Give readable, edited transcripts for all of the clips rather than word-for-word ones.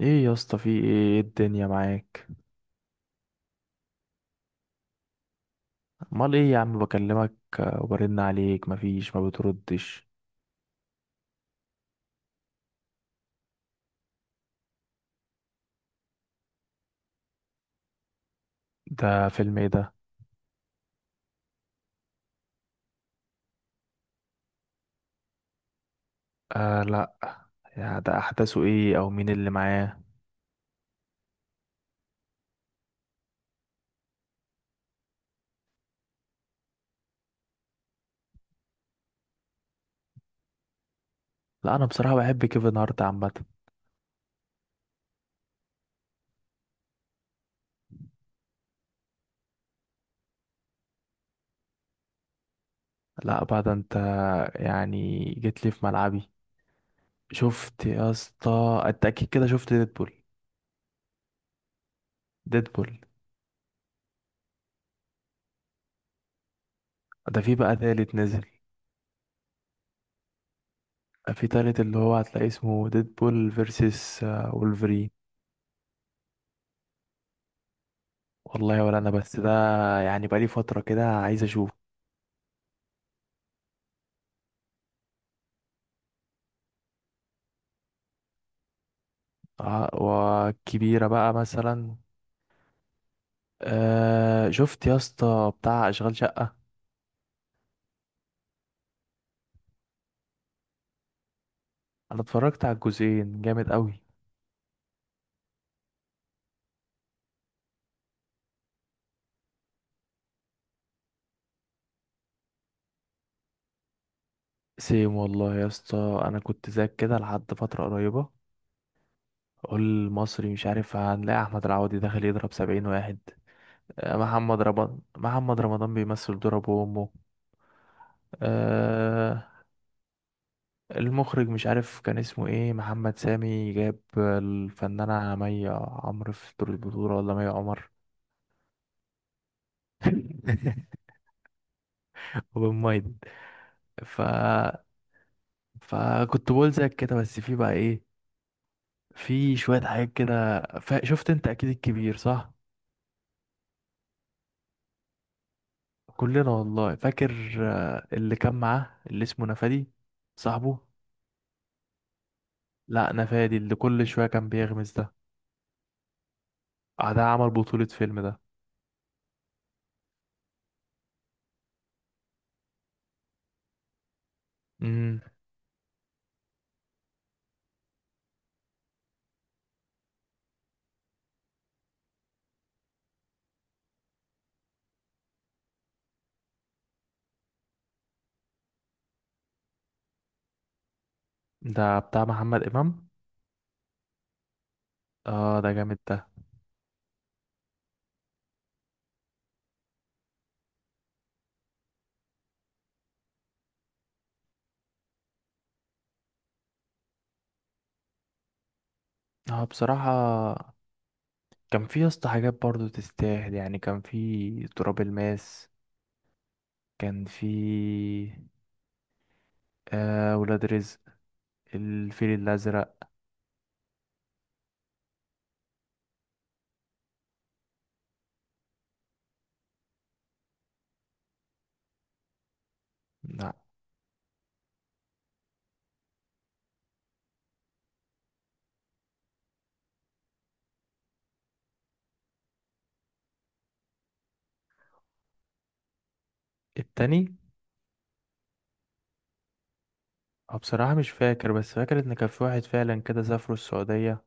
ايه يا اسطى، في ايه؟ إيه الدنيا معاك؟ امال ايه يا عم بكلمك؟ وبرن عليك مفيش ما بتردش. ده فيلم ايه ده؟ آه لا. يا ده احداثه ايه او مين اللي معاه؟ لا انا بصراحة بحب كيفن هارت عامة. لا بعد انت، يعني جيت لي في ملعبي. شفت يا اسطى؟ انت اكيد كده شفت ديدبول. ديدبول. ده في بقى تالت نزل. في تالت اللي هو هتلاقي اسمه ديدبول فيرسس وولفرين. والله ولا انا، بس ده يعني بقالي فترة كده عايز اشوف. وكبيرة بقى مثلا. أه، شفت يا اسطى بتاع اشغال شقة؟ انا اتفرجت على الجزئين، جامد قوي. سيم والله يا اسطى، انا كنت زيك كده لحد فترة قريبة. اقول المصري مش عارف، هنلاقي احمد العوضي داخل يضرب سبعين واحد. أه، محمد رمضان، محمد رمضان بيمثل دور ابو امه. أه، المخرج مش عارف كان اسمه ايه، محمد سامي، جاب الفنانة مي عمرو في دور البطولة ولا مي عمر. وبن مايد. ف فكنت بقول زيك كده، بس في بقى ايه، في شوية حاجات كده شفت انت اكيد الكبير، صح؟ كلنا والله فاكر. اللي كان معاه اللي اسمه نفادي، صاحبه. لا، نفادي اللي كل شوية كان بيغمز ده. ده عمل بطولة فيلم ده. امم ده بتاع محمد امام. اه، ده جامد ده. اه بصراحة، كان في يا اسطى حاجات برضو تستاهل، يعني كان في تراب الماس، كان في، آه، ولاد رزق، الفيل الأزرق. لا. التاني. اه بصراحة مش فاكر، بس فاكر ان كان في واحد فعلا كده سافروا السعودية.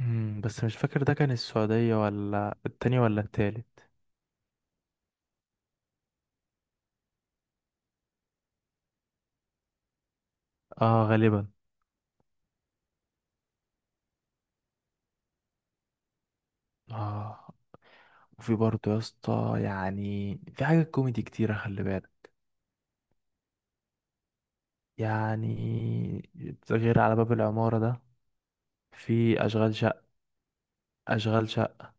بس مش فاكر ده كان السعودية ولا التاني ولا التالت. اه غالبا. اه. وفي برضو يا اسطى، يعني في حاجة كوميدي كتيرة، خلي بالك. يعني غير على باب العمارة ده، في أشغال، أشغال شقة.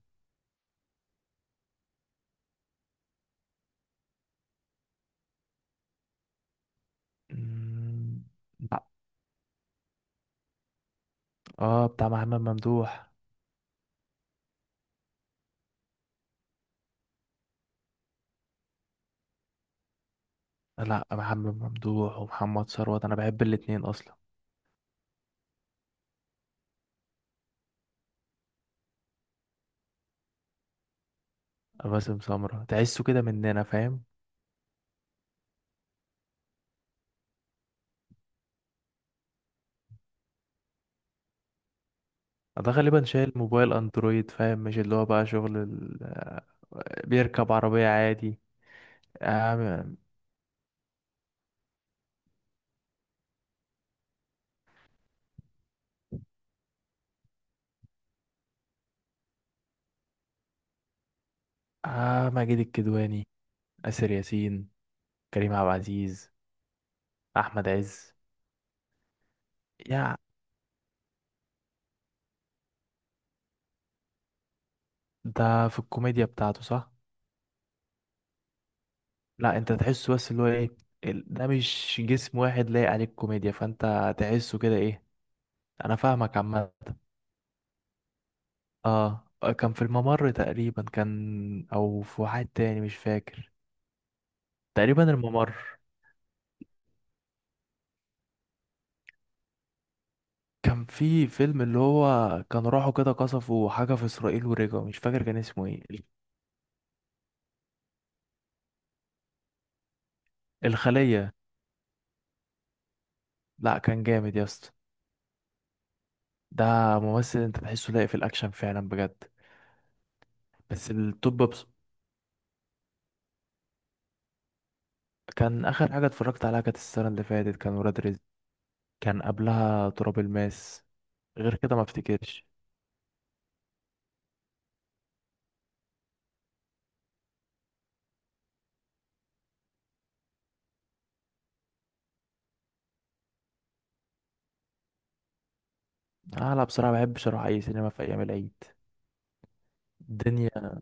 مم، لا. اه، بتاع محمد ممدوح. لا، محمد ممدوح ومحمد ثروت انا بحب الاتنين اصلا. باسم سمرة تحسه كده مننا، فاهم. ده غالبا شايل موبايل اندرويد، فاهم؟ مش اللي هو بقى شغل آه، بيركب عربية عادي. آه, م- آه، ماجد الكدواني، آسر ياسين، كريم عبد العزيز، أحمد عز. يا، ده في الكوميديا بتاعته، صح؟ لا انت تحسه، بس اللي هو ايه، ده مش جسم واحد لايق عليك كوميديا، فانت تحسه كده، ايه. انا فاهمك عامة. اه، كان في الممر تقريبا كان، او في واحد تاني مش فاكر. تقريبا الممر. كان في فيلم اللي هو كان راحوا كده قصفوا حاجة في اسرائيل ورجعوا، مش فاكر كان اسمه ايه. الخلية. لا كان جامد يا اسطى. ده ممثل انت تحسه لاقي في الاكشن فعلا بجد. بس التوب بص. كان اخر حاجة اتفرجت عليها كانت السنة اللي فاتت، كان ولاد رزق، كان قبلها تراب الماس. غير كده ما افتكرش. انا بصراحة ما بحبش اروح اي سينما في ايام العيد. الدنيا.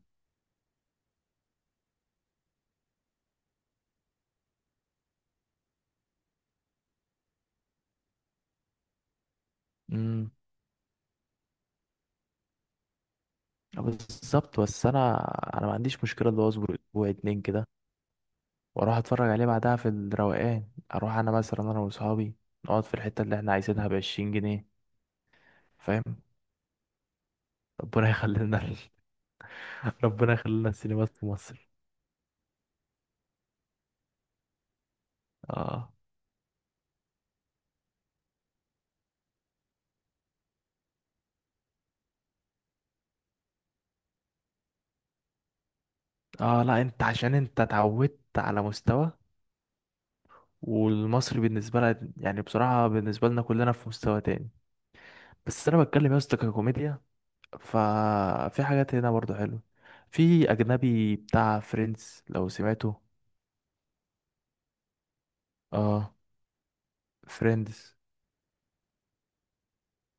امم بالظبط. بس انا ما عنديش مشكله اللي هو اصبر اسبوع اتنين كده، واروح اتفرج عليه بعدها في الروقان، اروح انا مثلا انا واصحابي، نقعد في الحته اللي احنا عايزينها بعشرين جنيه. فاهم. ربنا يخلينا ال- ربنا يخلينا السينمات في مصر. اه. اه لا، انت عشان انت اتعودت على مستوى، والمصري بالنسبه لنا يعني بصراحه بالنسبه لنا كلنا في مستوى تاني. بس انا بتكلم يا اسطى ككوميديا، ففي حاجات هنا برضو حلوة. في أجنبي بتاع فريندز، لو سمعته. اه، فريندز.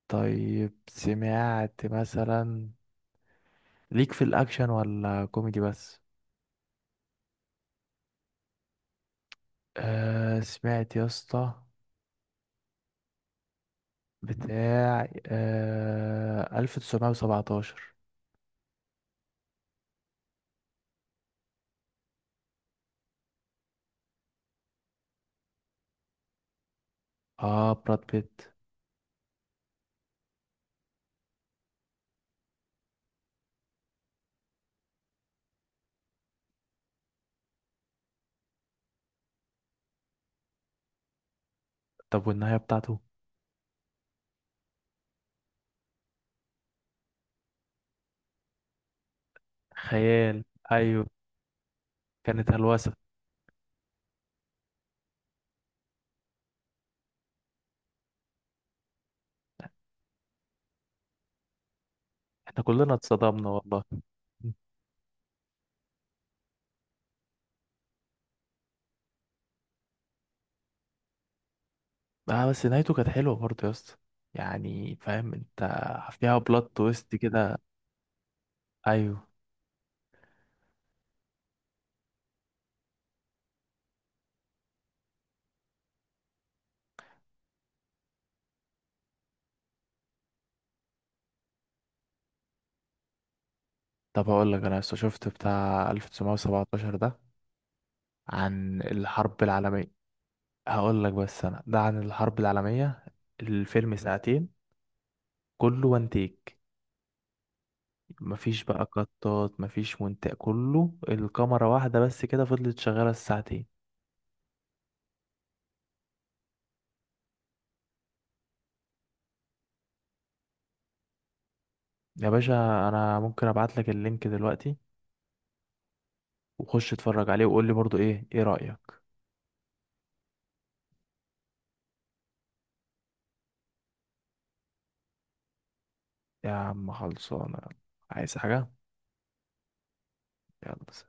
طيب سمعت مثلا، ليك في الأكشن ولا كوميدي بس؟ آه، سمعت يا اسطى بتاع 1917؟ اه، براد بيت. طب والنهاية بتاعته؟ خيال. أيوه. كانت هلوسة. احنا كلنا اتصدمنا والله. اه، بس نهايته كانت حلوة برضه يا اسطى، يعني فاهم انت. فيها بلوت تويست كده. ايوه. طب هقول لك، انا لسه شفت بتاع 1917 ده، عن الحرب العالمية. هقول لك، بس انا ده عن الحرب العالمية. الفيلم ساعتين كله وان تيك، مفيش بقى قطات، مفيش مونتاج، كله الكاميرا واحدة بس كده، فضلت شغالة الساعتين. يا باشا، انا ممكن ابعت لك اللينك دلوقتي، وخش اتفرج عليه وقول لي برضه ايه رأيك. يا عم خلصانة، يلا. عايز حاجة؟ يلا